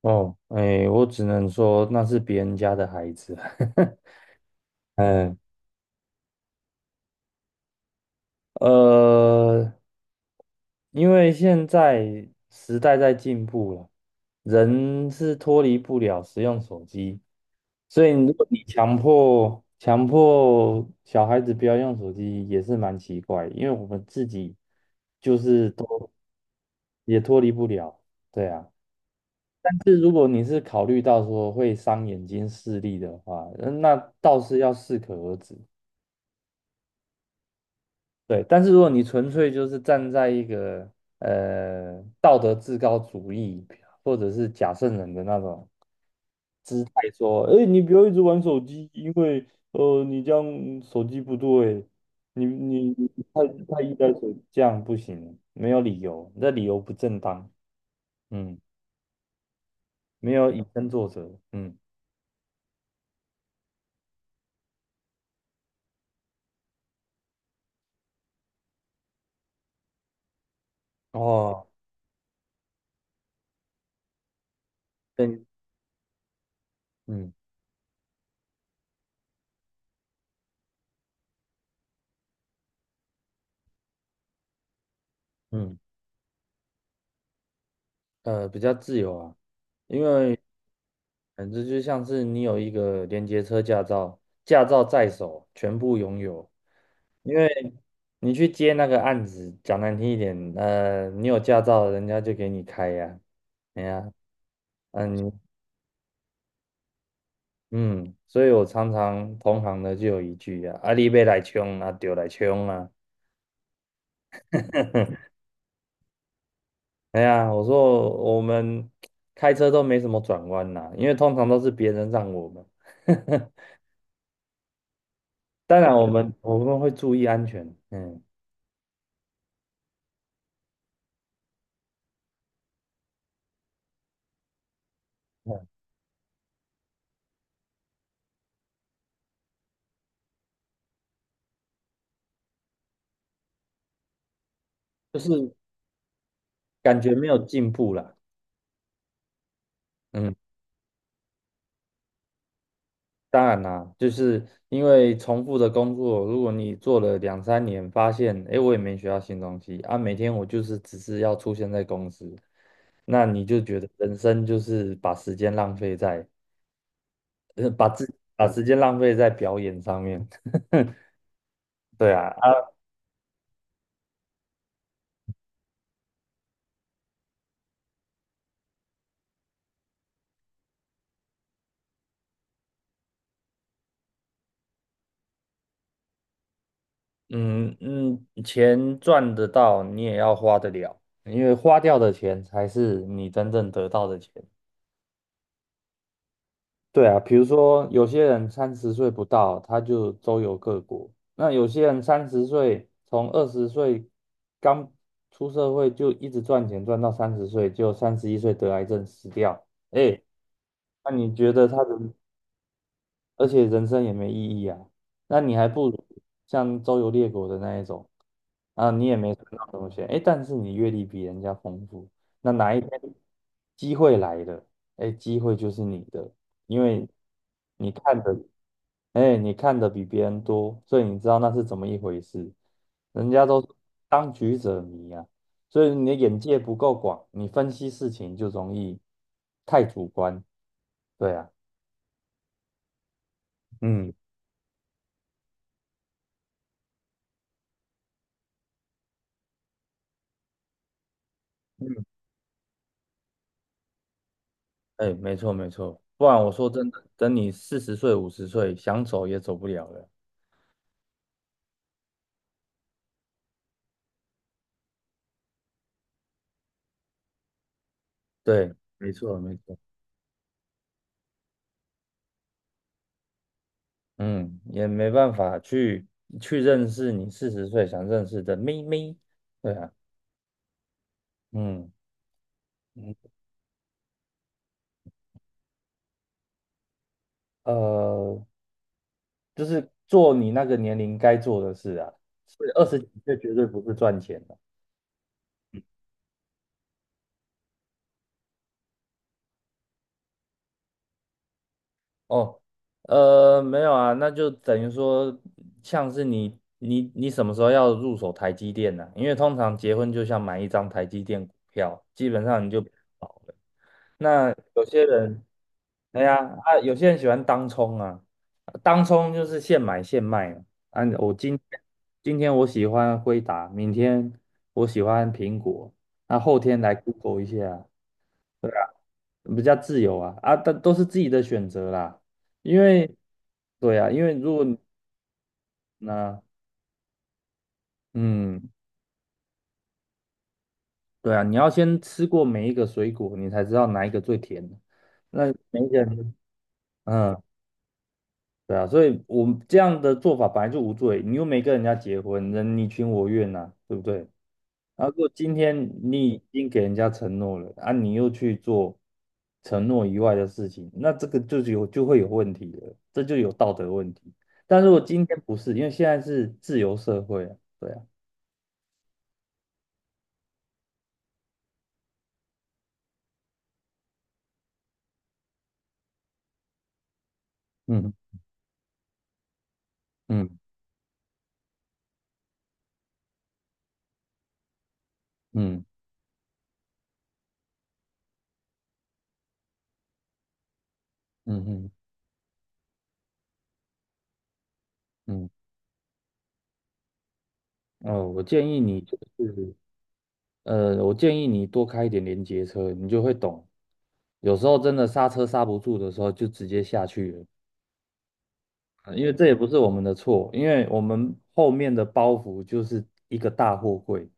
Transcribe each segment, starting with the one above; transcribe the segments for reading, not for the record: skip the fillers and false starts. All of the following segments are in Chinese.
哦，哎，我只能说那是别人家的孩子。嗯，呃，因为现在时代在进步了，人是脱离不了使用手机，所以如果你强迫小孩子不要用手机，也是蛮奇怪，因为我们自己就是也脱离不了，对啊。但是如果你是考虑到说会伤眼睛视力的话，那倒是要适可而止。对，但是如果你纯粹就是站在一个道德至高主义或者是假圣人的那种姿态说，哎，你不要一直玩手机，因为你这样手机不对，你太太依赖手机，这样不行，没有理由，你的理由不正当，嗯，没有以身作则，嗯，哦，对，嗯嗯，比较自由啊，因为。反正就像是你有一个连接车驾照，驾照在手，全部拥有。因为你去接那个案子，讲难听一点，你有驾照，人家就给你开呀、哎呀，嗯，你嗯，所以我常常同行的就有一句啊，阿你别来冲啊，丢来冲啊。哎呀，我说我们开车都没什么转弯啦、因为通常都是别人让我们。当然，我们会注意安全，嗯，嗯就是感觉没有进步啦。嗯，当然啦，就是因为重复的工作，如果你做了两三年，发现诶，我也没学到新东西啊，每天我就是只是要出现在公司，那你就觉得人生就是把时间浪费在，把时间浪费在表演上面。对啊，啊，嗯嗯，钱赚得到，你也要花得了，因为花掉的钱才是你真正得到的钱。对啊，比如说有些人三十岁不到，他就周游各国；那有些人三十岁，从20岁刚出社会就一直赚钱，赚到三十岁，就31岁得癌症死掉。哎，那你觉得他的而且人生也没意义啊。那你还不如像周游列国的那一种啊，你也没存到什么西，哎，但是你阅历比人家丰富，那哪一天机会来了，哎，机会就是你的，因为你看的，哎，你看的比别人多，所以你知道那是怎么一回事。人家都当局者迷啊，所以你的眼界不够广，你分析事情就容易太主观。对啊，嗯。哎，没错没错，不然我说真的，等你四十岁、50岁，想走也走不了了。对，没错没错，嗯，也没办法去去认识你四十岁想认识的妹妹。对啊，嗯嗯，呃，就是做你那个年龄该做的事啊，所以20几岁绝对不是赚钱的。哦，没有啊，那就等于说，像是你什么时候要入手台积电呢、因为通常结婚就像买一张台积电股票，基本上你就保了。那有些人，哎呀啊，有些人喜欢当冲啊，当冲就是现买现卖嘛。啊，今天我喜欢辉达，明天我喜欢苹果，那后天来 Google 一下，比较自由啊啊，但都是自己的选择啦。因为，对啊，因为如果那嗯，对啊，你要先吃过每一个水果，你才知道哪一个最甜。那每一个人，嗯，对啊，所以我们这样的做法本来就无罪，你又没跟人家结婚，人你情我愿呐、对不对？啊，如果今天你已经给人家承诺了，啊，你又去做承诺以外的事情，那这个就有就会有问题了，这就有道德问题。但如果今天不是，因为现在是自由社会啊，对啊，嗯嗯嗯嗯嗯嗯，哦，我建议你就是，我建议你多开一点连接车，你就会懂，有时候真的刹车刹不住的时候，就直接下去了。因为这也不是我们的错，因为我们后面的包袱就是一个大货柜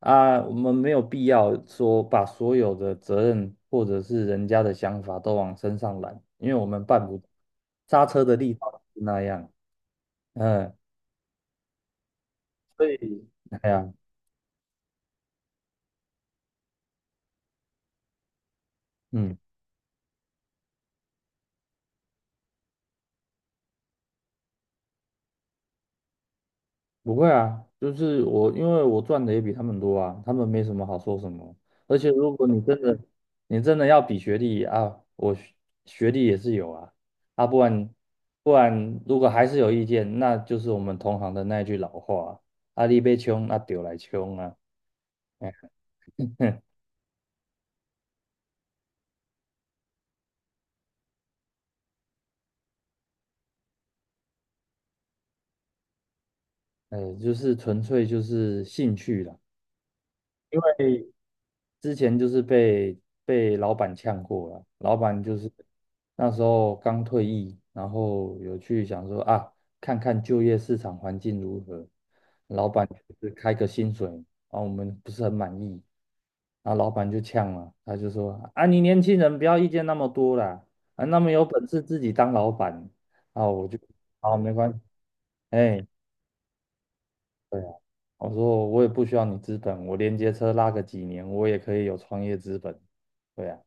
啊，我们没有必要说把所有的责任或者是人家的想法都往身上揽，因为我们办不，刹车的力道是那样，嗯，所以，哎呀，嗯。不会啊，就是我，因为我赚的也比他们多啊，他们没什么好说什么。而且如果你真的，你真的要比学历啊，学历也是有啊，啊，不然如果还是有意见，那就是我们同行的那一句老话啊，阿力被穷，啊，丢来穷啊，哎，就是纯粹就是兴趣啦。因为之前就是被老板呛过了，老板就是那时候刚退役，然后有去想说啊，看看就业市场环境如何，老板就是开个薪水，啊，我们不是很满意，然后老板就呛了，他就说啊，你年轻人不要意见那么多啦，啊，那么有本事自己当老板，啊，我就好，没关系，哎、对啊，我说我也不需要你资本，我连接车拉个几年，我也可以有创业资本。对啊，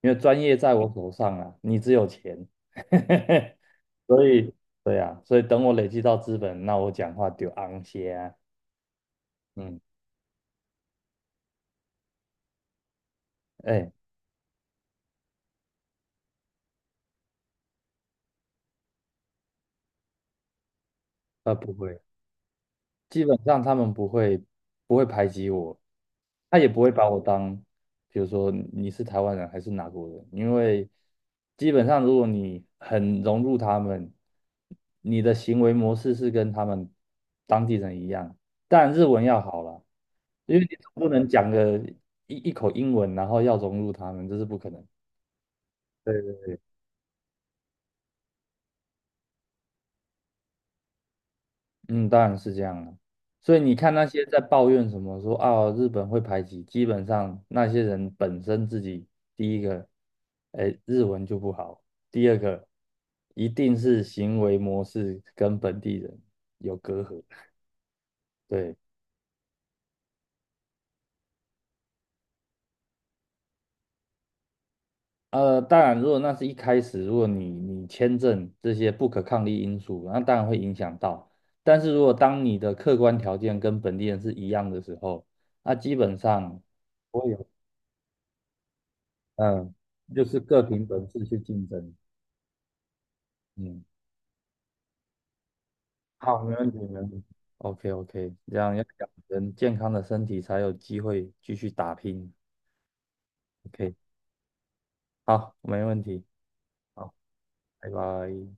因为专业在我手上啊，你只有钱，所以对啊，所以等我累积到资本，那我讲话就昂些啊。嗯，哎，那不会。基本上他们不会排挤我，他也不会把我当，比如说你是台湾人还是哪国人，因为基本上如果你很融入他们，你的行为模式是跟他们当地人一样，但日文要好了，因为你总不能讲个一口英文，然后要融入他们，这是不可能。对嗯，当然是这样了。所以你看那些在抱怨什么说啊日本会排挤，基本上那些人本身自己第一个，哎，日文就不好，第二个一定是行为模式跟本地人有隔阂。对，当然如果那是一开始，如果你签证这些不可抗力因素，那当然会影响到。但是如果当你的客观条件跟本地人是一样的时候，那基本上。有。嗯，就是各凭本事去竞争。嗯好，没问题，没问题。，OK OK，这样要养成健康的身体，才有机会继续打拼。OK，好，没问题。好，拜拜。